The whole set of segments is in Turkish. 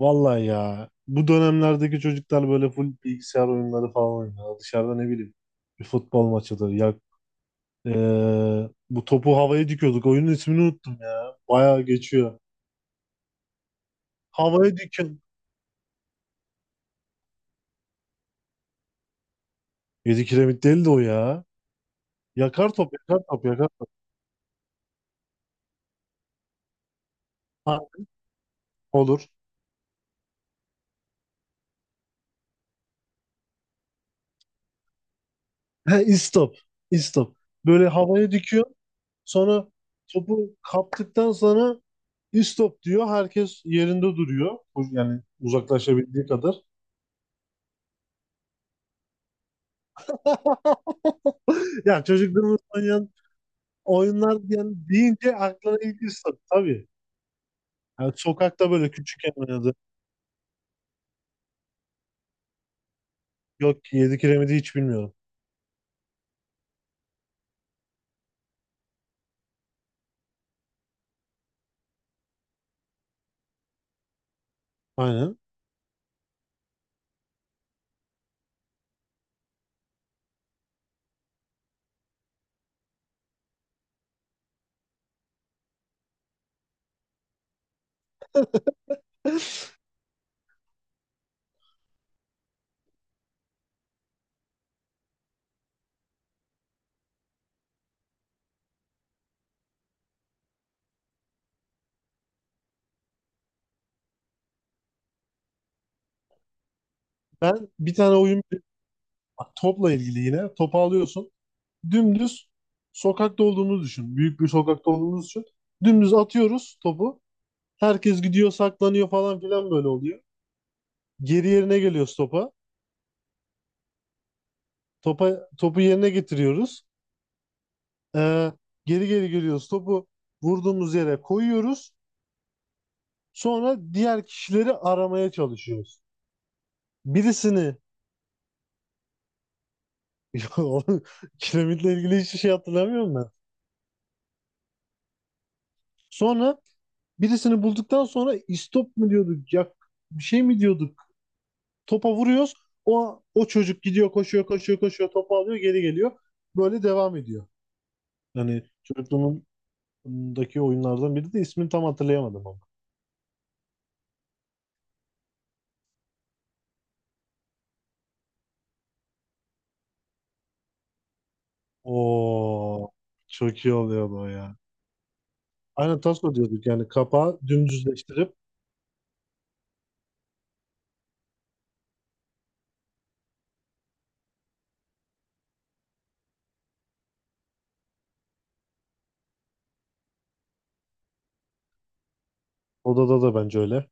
Vallahi ya bu dönemlerdeki çocuklar böyle full bilgisayar oyunları falan oynuyor. Dışarıda ne bileyim bir futbol maçıdır. Ya bu topu havaya dikiyorduk. Oyunun ismini unuttum ya. Bayağı geçiyor. Havaya dikin. 7 kiremit değil de o ya. Yakar top, yakar top, yakar top. Ha, olur. He, istop. İstop. Böyle havaya dikiyor. Sonra topu kaptıktan sonra istop diyor. Herkes yerinde duruyor. Yani uzaklaşabildiği kadar. Ya çocukluğumuz oynayan oyunlar yani deyince aklına ilk ısır tabii. Yani sokakta böyle küçükken oynadı. Yok ki yedi kiremidi hiç bilmiyorum. Aynen. Ben bir tane oyun bak, topla ilgili yine. Topu alıyorsun. Dümdüz sokakta olduğumuzu düşün. Büyük bir sokakta olduğumuzu düşün. Dümdüz atıyoruz topu. Herkes gidiyor saklanıyor falan filan böyle oluyor. Geri yerine geliyoruz topa. Topa, topu yerine getiriyoruz. Ee, geri geri geliyoruz. Topu vurduğumuz yere koyuyoruz. Sonra diğer kişileri aramaya çalışıyoruz. Birisini. Kiremitle ilgili hiçbir şey hatırlamıyorum ben. Sonra birisini bulduktan sonra istop mu diyorduk, yak bir şey mi diyorduk? Topa vuruyoruz. O çocuk gidiyor, koşuyor, koşuyor, koşuyor, topu alıyor, geri geliyor. Böyle devam ediyor. Yani çocukluğumdaki oyunlardan biri de ismini tam hatırlayamadım ama. Oo, çok iyi oluyordu o ya. Aynen taso diyorduk yani kapağı dümdüzleştirip odada da bence öyle.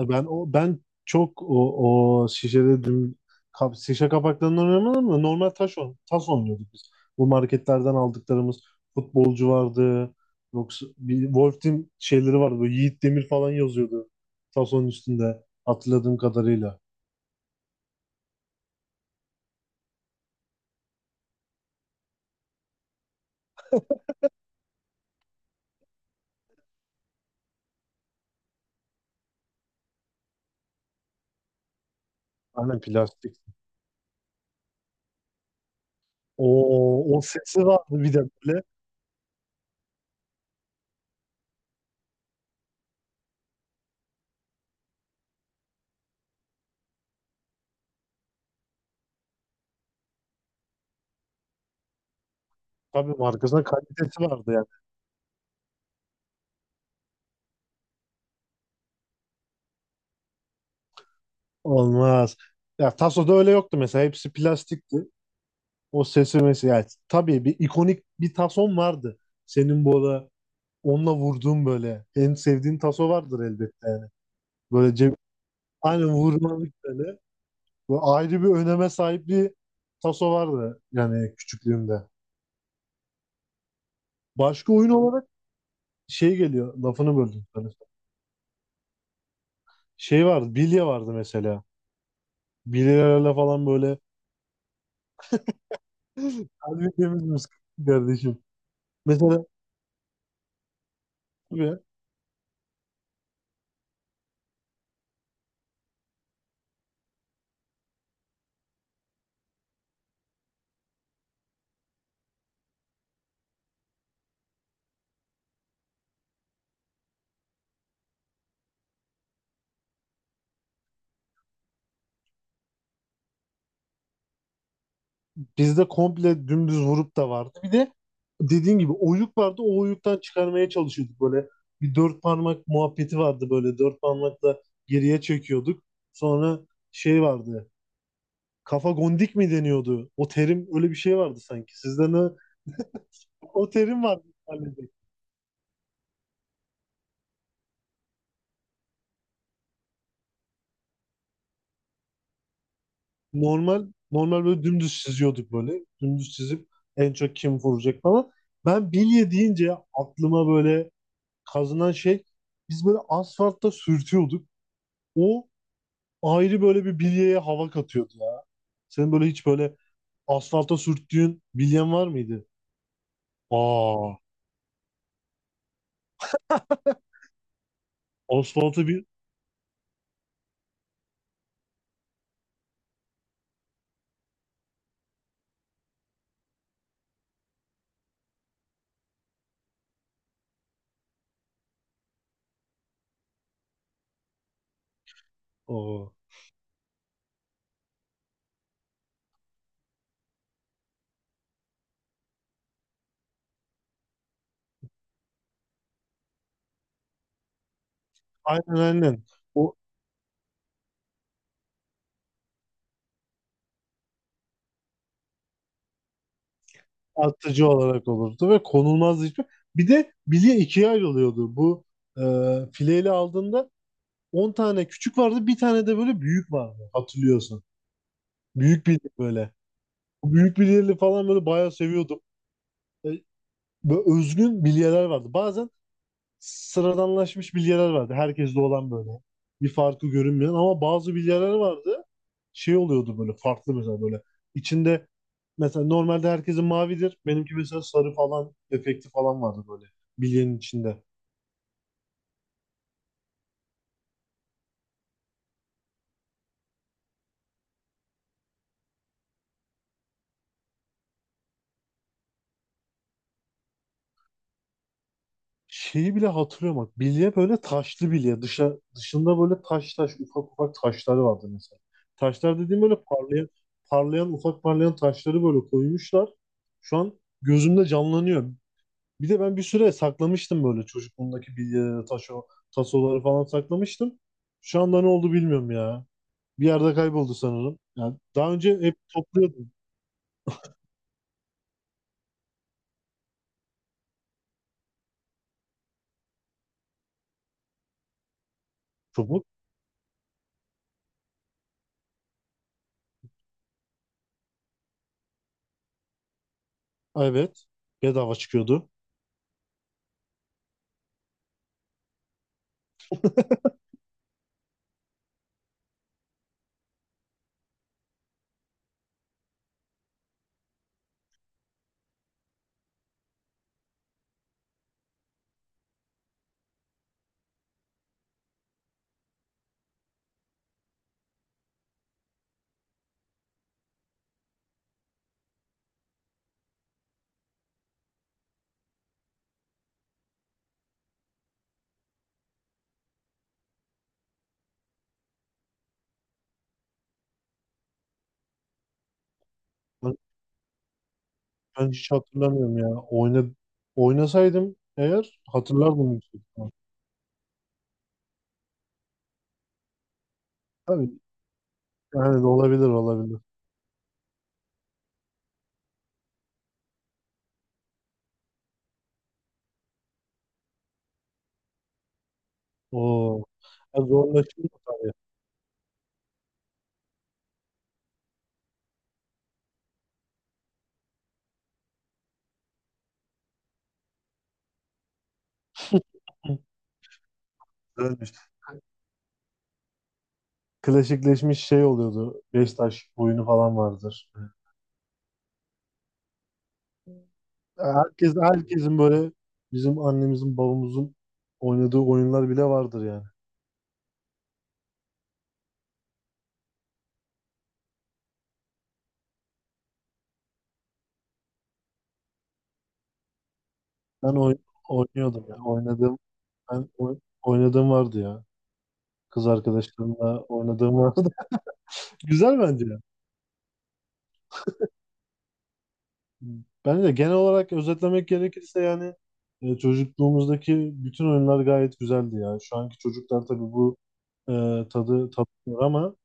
Ben çok o şişede şişe kapaklarından oynamadım da normal tas oynuyorduk biz. Bu marketlerden aldıklarımız futbolcu vardı. Yoksa bir Wolf Team şeyleri vardı. Böyle Yiğit Demir falan yazıyordu. Tasonun üstünde hatırladığım kadarıyla. Aynen plastik. O sesi vardı bir de böyle. Tabii markasının kalitesi vardı yani. Olmaz. Ya Taso'da öyle yoktu mesela. Hepsi plastikti. O sesi mesela yani tabii bir ikonik bir tason vardı. Senin bu ara onunla vurduğun böyle en sevdiğin taso vardır elbette. Böyle cep, aynen vurmalık böyle. Bu ayrı bir öneme sahip bir taso vardı yani küçüklüğümde. Başka oyun olarak şey geliyor lafını böldüm sana. Şey vardı, bilye vardı mesela. Bilyelerle falan böyle. Her birimiz kardeşim. Mesela bizde komple dümdüz vurup da vardı. Bir de dediğin gibi oyuk vardı. O oyuktan çıkarmaya çalışıyorduk böyle. Bir dört parmak muhabbeti vardı böyle. Dört parmakla geriye çekiyorduk. Sonra şey vardı. Kafa gondik mi deniyordu? O terim öyle bir şey vardı sanki. Sizde ne? O terim vardı mahallede. Normal normal böyle dümdüz çiziyorduk böyle. Dümdüz çizip en çok kim vuracak falan. Ben bilye deyince aklıma böyle kazınan şey, biz böyle asfaltta sürtüyorduk. O ayrı böyle bir bilyeye hava katıyordu ya. Senin böyle hiç böyle asfalta sürttüğün bilyen var mıydı? Aa, asfalta bir... Aa. Aynen aynen. O atıcı olarak olurdu ve konulmazdı hiçbir. Bir de bilye ikiye ayrılıyordu. Bu fileyle aldığında 10 tane küçük vardı, bir tane de böyle büyük vardı, hatırlıyorsun. Büyük bilye böyle. Bu büyük bilyeli falan böyle bayağı seviyordum. E, Böyle özgün bilyeler vardı. Bazen sıradanlaşmış bilyeler vardı. Herkeste olan böyle. Bir farkı görünmeyen ama bazı bilyeler vardı. Şey oluyordu böyle farklı mesela böyle. İçinde mesela normalde herkesin mavidir. Benimki mesela sarı falan efekti falan vardı böyle bilyenin içinde. Şeyi bile hatırlıyorum bak. Bilye böyle taşlı bilye. Dışında böyle taş taş ufak ufak taşları vardı mesela. Taşlar dediğim böyle parlayan parlayan ufak parlayan taşları böyle koymuşlar. Şu an gözümde canlanıyor. Bir de ben bir süre saklamıştım böyle çocukluğumdaki bilyeleri, tasoları falan saklamıştım. Şu anda ne oldu bilmiyorum ya. Bir yerde kayboldu sanırım. Yani daha önce hep topluyordum çubuk. Evet. Bedava çıkıyordu. Ben, ben hiç hatırlamıyorum ya. Oynasaydım eğer hatırlardım, yüksek ihtimal. Tabii yani de olabilir, olabilir. Oo. Ya zorlaşıyor tabii. Güzelmiş. Klasikleşmiş şey oluyordu. Beş taş oyunu falan vardır. Herkesin böyle bizim annemizin babamızın oynadığı oyunlar bile vardır yani. Ben oynuyordum ya. Oynadığım vardı ya. Kız arkadaşlarımla oynadığım vardı. Güzel bence ya. Bence genel olarak özetlemek gerekirse yani çocukluğumuzdaki bütün oyunlar gayet güzeldi ya. Şu anki çocuklar tabii bu e, tadı tatmıyor ama